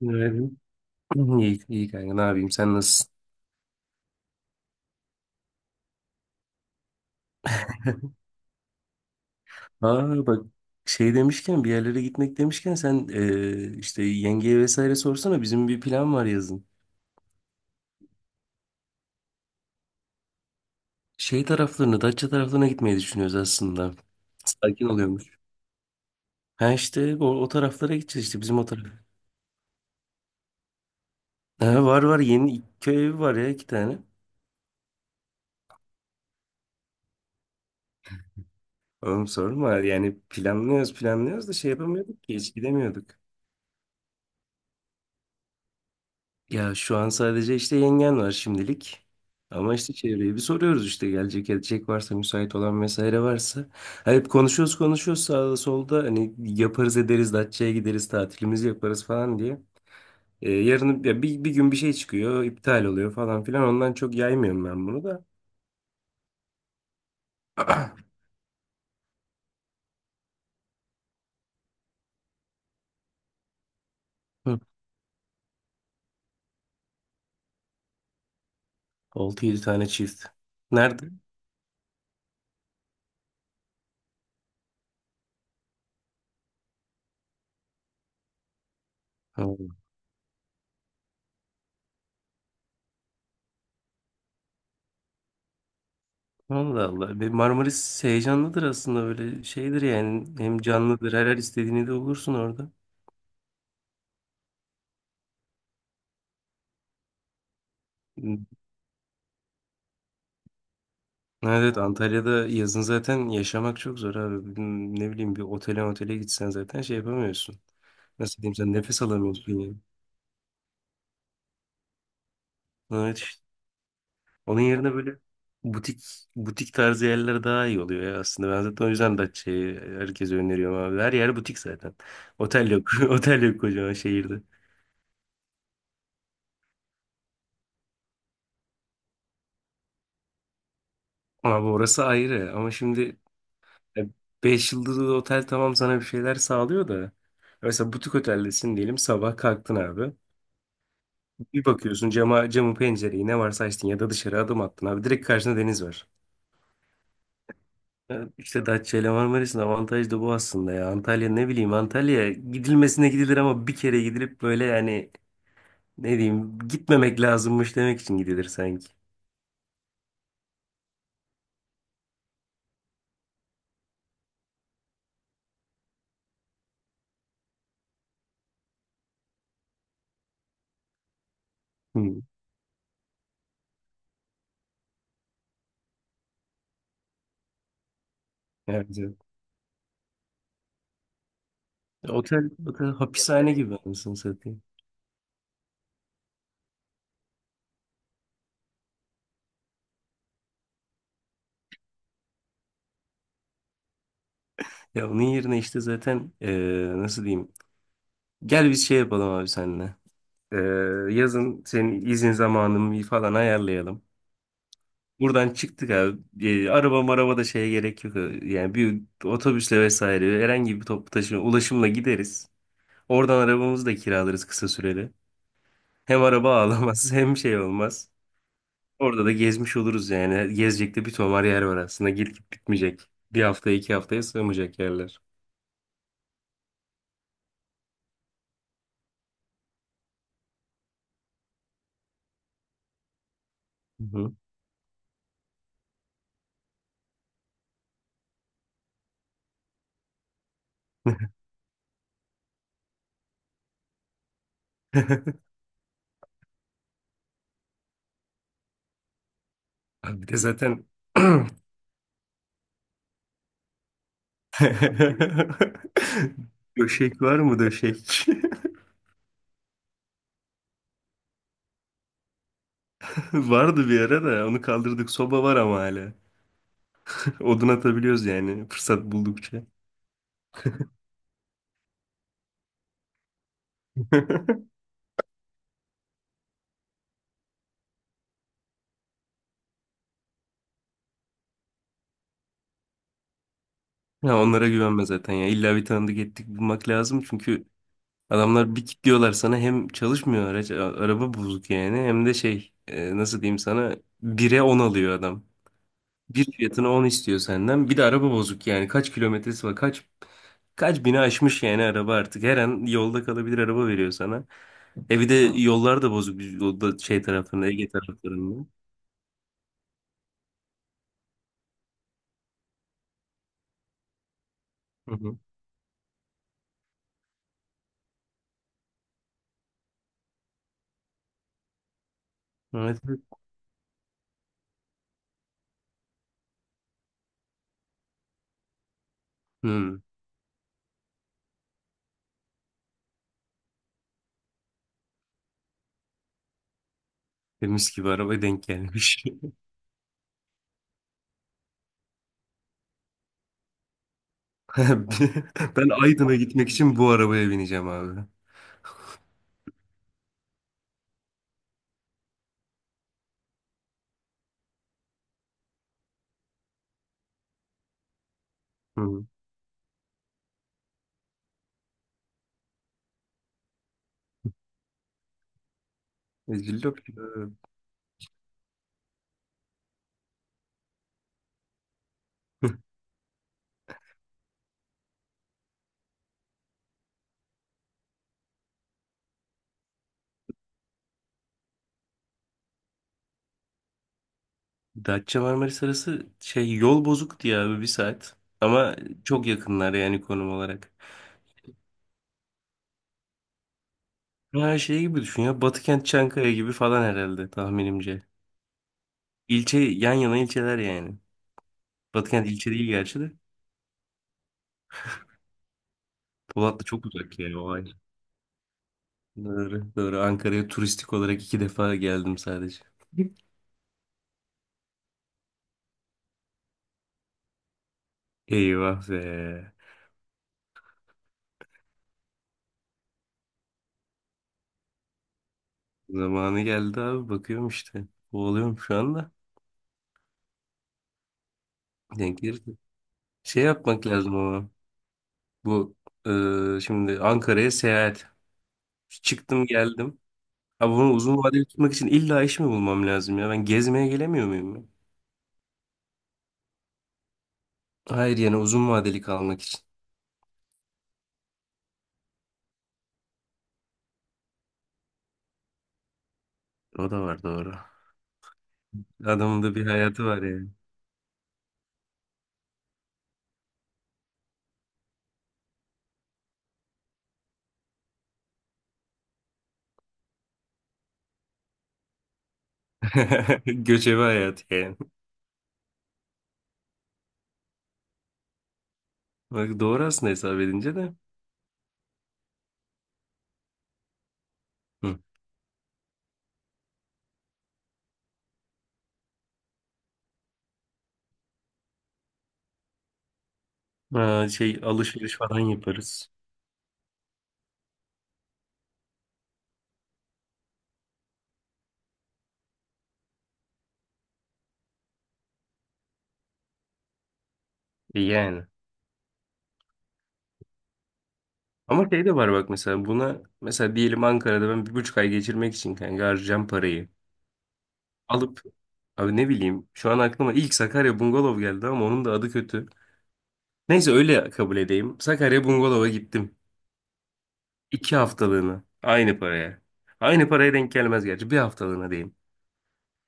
Günaydın. İyi, iyi kanka ne yapayım sen nasılsın? Aa bak, şey demişken, bir yerlere gitmek demişken sen işte yengeye vesaire sorsana bizim bir plan var yazın. Şey taraflarına Datça taraflarına gitmeyi düşünüyoruz aslında. Sakin oluyormuş. Ha işte o taraflara gideceğiz işte bizim o taraf. Ha, var var yeni iki köy evi var ya iki tane. Oğlum sorma yani planlıyoruz planlıyoruz da şey yapamıyorduk ki hiç gidemiyorduk. Ya şu an sadece işte yengen var şimdilik. Ama işte çevreye bir soruyoruz işte gelecek edecek varsa müsait olan vesaire varsa. Ha, hep konuşuyoruz konuşuyoruz sağda solda hani yaparız ederiz Datça'ya gideriz tatilimizi yaparız falan diye. Yarın ya bir gün bir şey çıkıyor iptal oluyor falan filan, ondan çok yaymıyorum ben bunu da. Hı, 6-7 tane çift. Nerede? Ha, Allah Allah. Bir Marmaris heyecanlıdır aslında böyle şeydir yani, hem canlıdır, her istediğini de olursun orada. Evet evet. Antalya'da yazın zaten yaşamak çok zor abi. Bugün, ne bileyim, bir otele gitsen zaten şey yapamıyorsun. Nasıl diyeyim, sen nefes alamıyorsun yani. Evet işte. Onun yerine böyle butik butik tarzı yerler daha iyi oluyor ya aslında. Ben zaten o yüzden Datça'yı herkese öneriyorum abi. Her yer butik zaten. Otel yok. Otel yok kocaman şehirde. Abi orası ayrı ama şimdi e, 5 yıldızlı otel tamam, sana bir şeyler sağlıyor da. Mesela butik oteldesin diyelim, sabah kalktın abi. Bir bakıyorsun camın, pencereyi ne varsa açtın ya da dışarı adım attın abi. Direkt karşında deniz var. Ya İşte Datça ile Marmaris'in avantajı da bu aslında ya. Antalya, ne bileyim, Antalya gidilmesine gidilir ama bir kere gidilip böyle yani, ne diyeyim, gitmemek lazımmış demek için gidilir sanki. Hmm. Evet, evet. Otel hapishane gibi, anasını satayım. Ya onun yerine işte zaten, nasıl diyeyim? Gel biz şey yapalım abi seninle. Yazın senin izin zamanını falan ayarlayalım. Buradan çıktık abi. Araba maraba da şeye gerek yok. Yani bir otobüsle vesaire herhangi bir toplu taşıma ulaşımla gideriz. Oradan arabamızı da kiralarız kısa süreli. Hem araba ağlamaz hem şey olmaz. Orada da gezmiş oluruz yani. Gezecek de bir tomar yer var aslında. Gidip gidip bitmeyecek. Bir haftaya iki haftaya sığmayacak yerler. Hı hı. Abi bir de zaten döşek var mı, döşek? Vardı bir ara da onu kaldırdık. Soba var ama hala. Odun atabiliyoruz yani fırsat buldukça. Ya onlara güvenme zaten ya. İlla bir tanıdık ettik bulmak lazım. Çünkü adamlar bir kilitliyorlar sana, hem çalışmıyor araç, araba bozuk yani, hem de şey, nasıl diyeyim sana, bire 10 alıyor adam. Bir fiyatına 10 istiyor senden. Bir de araba bozuk yani. Kaç kilometresi var? Kaç bini aşmış yani araba artık. Her an yolda kalabilir araba veriyor sana. E, bir de yollar da bozuk. O da şey tarafında, Ege taraflarında. Hı hı. Evet. Evet. Hı. Temiz gibi araba denk gelmiş. Ben Aydın'a gitmek için bu arabaya bineceğim abi. Hı. E, Cillop. Datça Marmaris arası, şey, yol bozuk diye abi 1 saat. Ama çok yakınlar yani konum olarak. Ha şey gibi düşün ya, Batıkent Çankaya gibi falan herhalde tahminimce. İlçe, yan yana ilçeler yani. Batıkent ilçe değil gerçi de. Polatlı çok uzak yani, o ayrı. Doğru, doğru. Ankara'ya turistik olarak 2 defa geldim sadece. Eyvah be. Zamanı geldi abi, bakıyorum işte. Kovalıyorum şu anda. Denk gelirse. Şey yapmak lazım ama. Bu şimdi Ankara'ya seyahat. Çıktım geldim. Abi bunu uzun vadeli tutmak için illa iş mi bulmam lazım ya? Ben gezmeye gelemiyor muyum ya? Hayır yani, uzun vadeli kalmak için. O da var, doğru. Adamın da bir hayatı var yani. Göçebe hayatı yani. Bak doğru aslında, hesap edince de. Hı. Ha, şey, alışveriş falan yaparız. E, yani. Ama şey de var bak, mesela buna, mesela diyelim Ankara'da ben 1,5 ay geçirmek için kanka harcayacağım parayı alıp, abi ne bileyim, şu an aklıma ilk Sakarya Bungalov geldi ama onun da adı kötü. Neyse, öyle kabul edeyim. Sakarya Bungalov'a gittim. 2 haftalığına, aynı paraya. Aynı paraya denk gelmez gerçi, 1 haftalığına diyeyim.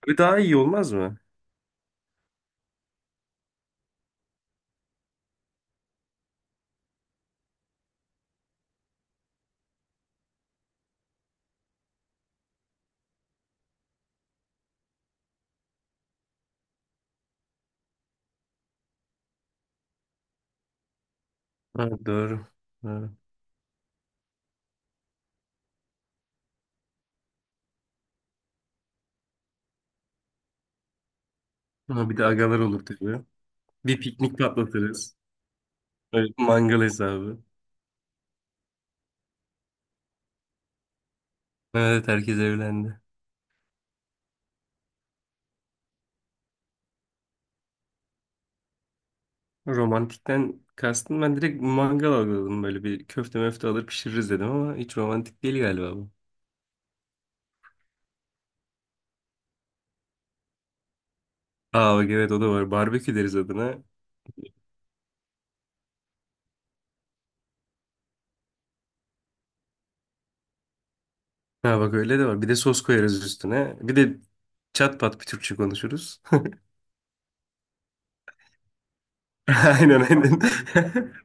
Bir daha iyi olmaz mı? Ha, doğru. Doğru. Ama bir de agalar olur tabii. Bir piknik patlatırız. Evet, mangal hesabı. Evet, herkes evlendi. Romantikten kastın, ben direkt mangal algıladım, böyle bir köfte möfte alır pişiririz dedim ama hiç romantik değil galiba bu. Aa bak, evet, o da var. Barbekü deriz adına. Ha bak, öyle de var. Bir de sos koyarız üstüne. Bir de çat pat bir Türkçe konuşuruz. Aynen aynen.